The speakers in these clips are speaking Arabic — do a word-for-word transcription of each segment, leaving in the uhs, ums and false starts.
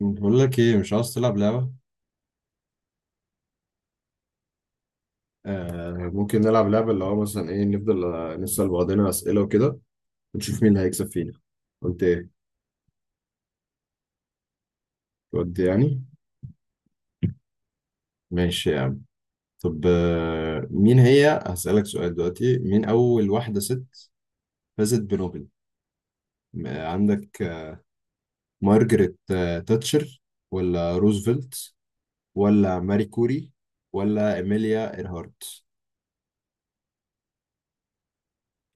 بقول لك ايه؟ مش عاوز تلعب لعبة؟ آه، ممكن نلعب لعبة اللي هو مثلا ايه. نفضل آه، نسأل بعضنا أسئلة وكده. ونشوف مين اللي هيكسب فينا. قلت ايه؟ تودي يعني. ماشي يا عم. طب آه، مين هي هسألك سؤال دلوقتي. مين أول واحدة ست فازت بنوبل؟ م- آه، عندك آه، مارجريت آه، تاتشر، ولا روزفلت، ولا ماري كوري، ولا إيميليا إيرهارت؟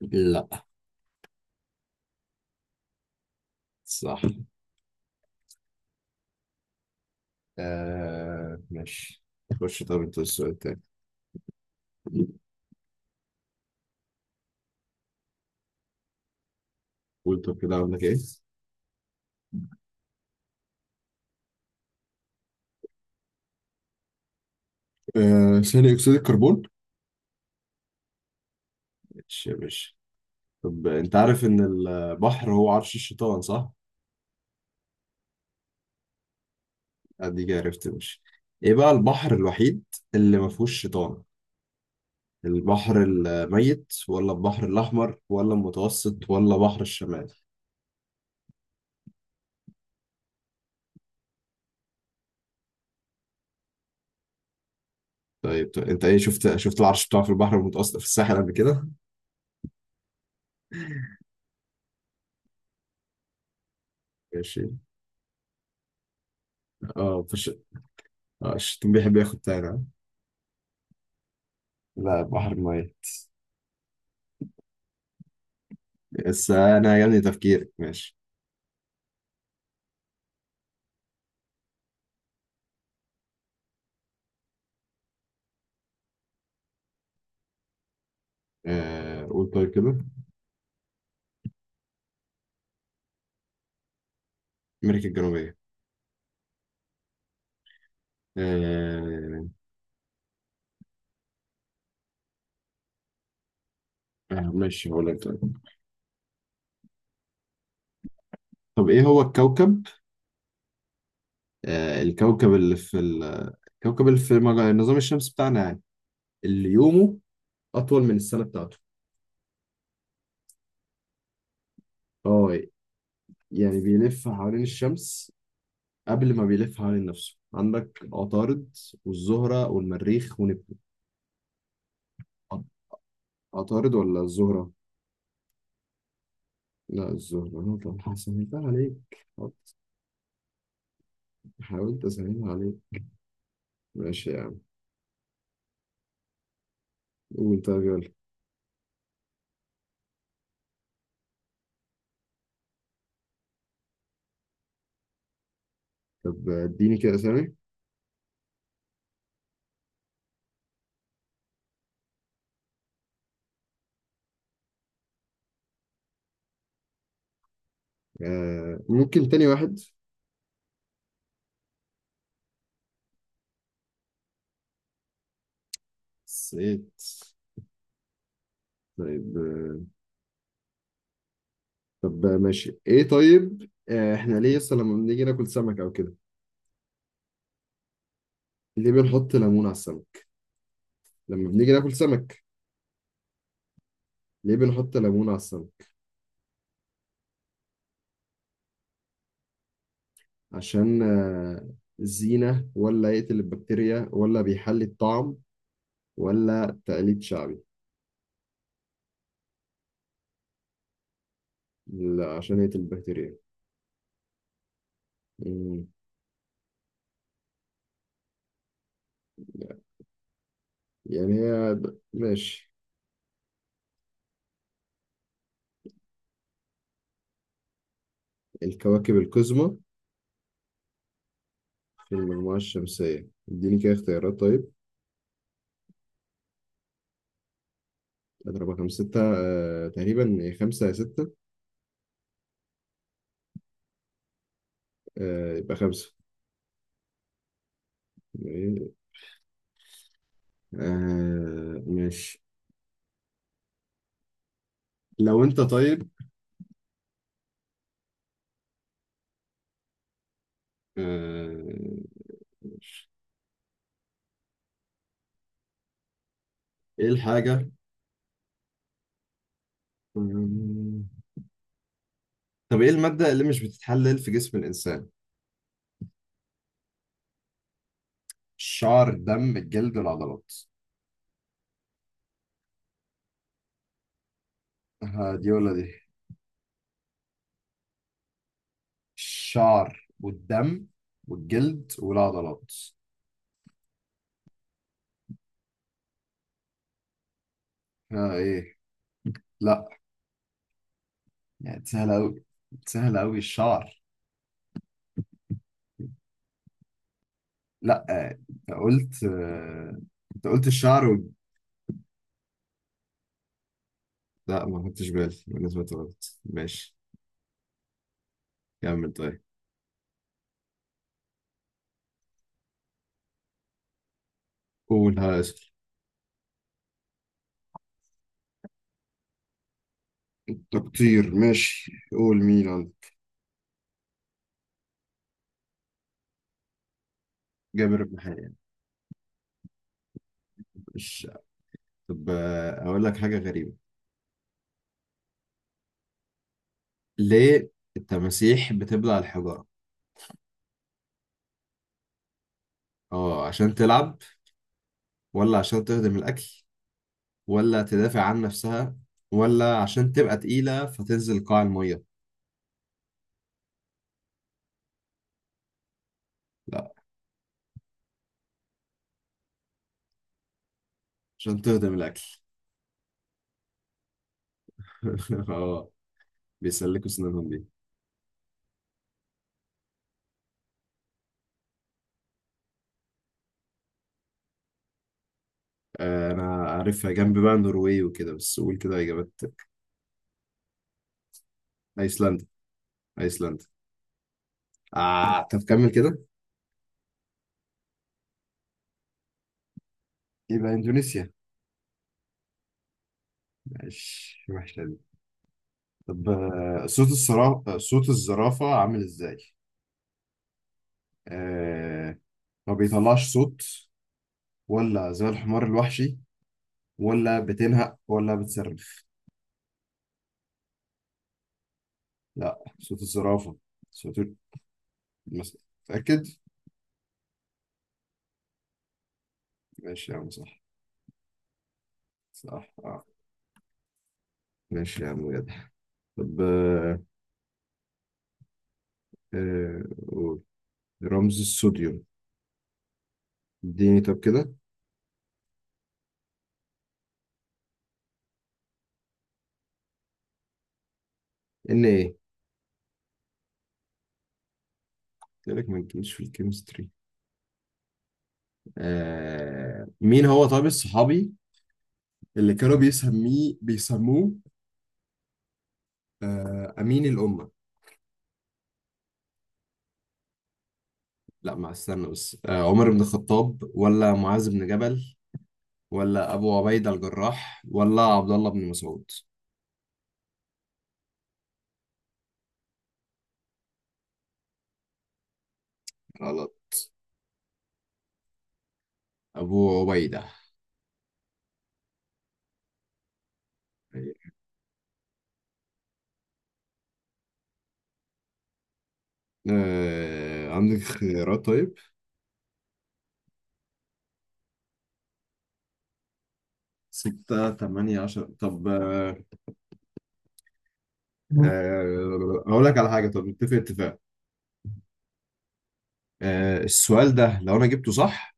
لا. صح. آه، ماشي. خش طب انت السؤال التاني. قول طب كده عندك ايه؟ آه، ثاني اكسيد الكربون. ماشي يا باشا. طب انت عارف ان البحر هو عرش الشيطان صح؟ اديك عرفت يا باشا. ايه بقى البحر الوحيد اللي ما فيهوش شيطان؟ البحر الميت، ولا البحر الاحمر، ولا المتوسط، ولا بحر الشمال؟ طيب طيب، انت ايه، شفت شفت العرش بتاعه في البحر المتوسط في الساحل قبل كده؟ ماشي. اه فش... اه الشيطان بيحب ياخد تاني ها؟ لا، بحر الميت. بس انا عجبني تفكيرك، ماشي. آه، قول طيب كده. امريكا الجنوبية. آه. آه، ماشي هقول لك طيب. طب ايه هو الكوكب؟ آه الكوكب اللي في ال... الكوكب اللي في مج- النظام الشمسي بتاعنا يعني، اللي يومه أطول من السنة بتاعته. اه. يعني بيلف حوالين الشمس قبل ما بيلف حوالين نفسه. عندك عطارد، والزهرة، والمريخ، ونبتون. عط- عطارد ولا الزهرة؟ لا، الزهرة طب. أنا طبعا سهلتها عليك. حاولت أسهلها عليك. ماشي يا عم. قول طيب يلا. طب اديني كده أسامي. آه، ممكن تاني واحد. صيت. طيب آه، طب آه، ماشي ايه. طيب آه، احنا ليه اصلا لما بنيجي ناكل سمك او كده ليه بنحط ليمون على السمك؟ لما بنيجي ناكل سمك ليه بنحط ليمون على السمك؟ عشان آه، زينة، ولا يقتل البكتيريا، ولا بيحلي الطعم، ولا تقليد شعبي؟ لا، عشان يقتل البكتيريا. مم. يعني هي ب- ماشي. الكواكب القزمة في المجموعة الشمسية، اديني كده اختيارات طيب. أضربها خمسة ستة، آه، تقريبا خمسة يا ستة. آه، يبقى خمسة. إيه؟ آه، ماشي. لو انت طيب. آه. ايه الحاجة. مم. طب ايه المادة اللي مش بتتحلل في جسم الإنسان؟ الشعر، الدم، الجلد، والعضلات. ها، دي ولا دي؟ الشعر، والدم، والجلد، والعضلات. ها ايه؟ لا. يعني سهلة أوي. سهلة أوي، الشعر. لا آه، انت قلت آه، انت قلت الشعر وال... لا ما خدتش بالي، انا سمعت غلط، ماشي. كمل طيب. قولها اسف. تقطير ماشي، قول ميلان. جابر بن حيان. مش طب آه، اقول لك حاجه غريبه. ليه التماسيح بتبلع الحجاره؟ اه عشان تلعب، ولا عشان تهضم الاكل، ولا تدافع عن نفسها، ولا عشان تبقى تقيله فتنزل قاع الميه؟ لا، عشان تهضم الاكل. اه. بيسلكوا سنانهم دي. آه، انا عارفها، جنب بقى النرويج وكده، بس قول كده اجابات. ايسلندا. ايسلندا. آه، طب كمل كده. يبقى اندونيسيا. مش وحشة دي. طب آه، صوت الصرا... صوت الزرافة عامل ازاي؟ آه... ما بيطلعش صوت، ولا زي الحمار الوحشي، ولا بتنهق، ولا بتصرخ؟ لا، صوت الزرافة. صوت ال- مس... متأكد؟ ماشي يا عم، صح. صح آه. ماشي يا عم بجد. طب آه... آه... قول. رمز الصوديوم. اديني طب كده. ان ايه؟ قلت لك ما تجيش في الكيمستري. آه... مين هو طيب الصحابي اللي كانوا بيسميه بيسموه آه، أمين الأمة؟ لا، ما استنى بس، آه، عمر بن الخطاب، ولا معاذ بن جبل، ولا أبو عبيدة الجراح، ولا عبد الله بن مسعود؟ غلط. أبو عبيدة. آه، عندك خيارات طيب. ستة، تمانية، عشرة، طب آه، آه، أقول لك على حاجة. طب نتفق اتفاق. آه، السؤال ده لو أنا جبته صح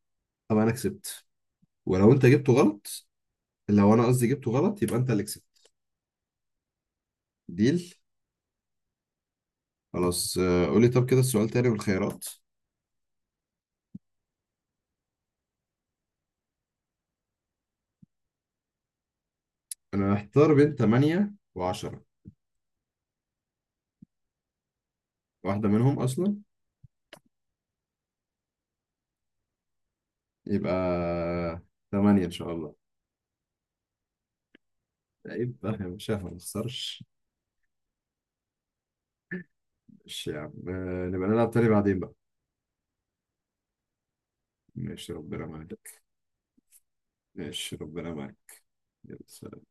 طب أنا كسبت، ولو أنت جبته غلط، لو أنا قصدي جبته غلط يبقى أنت اللي كسبت. ديل. خلاص آه، قولي طب كده السؤال تاني والخيارات. انا محتار بين ثمانية و10. واحدة منهم اصلا. يبقى ثمانية ان شاء الله. يبقى يا باشا ما نخسرش. ماشي يا عم، آه، نبقى نلعب تاني بعدين بقى. ماشي ربنا معاك. ماشي ربنا معاك. يلا.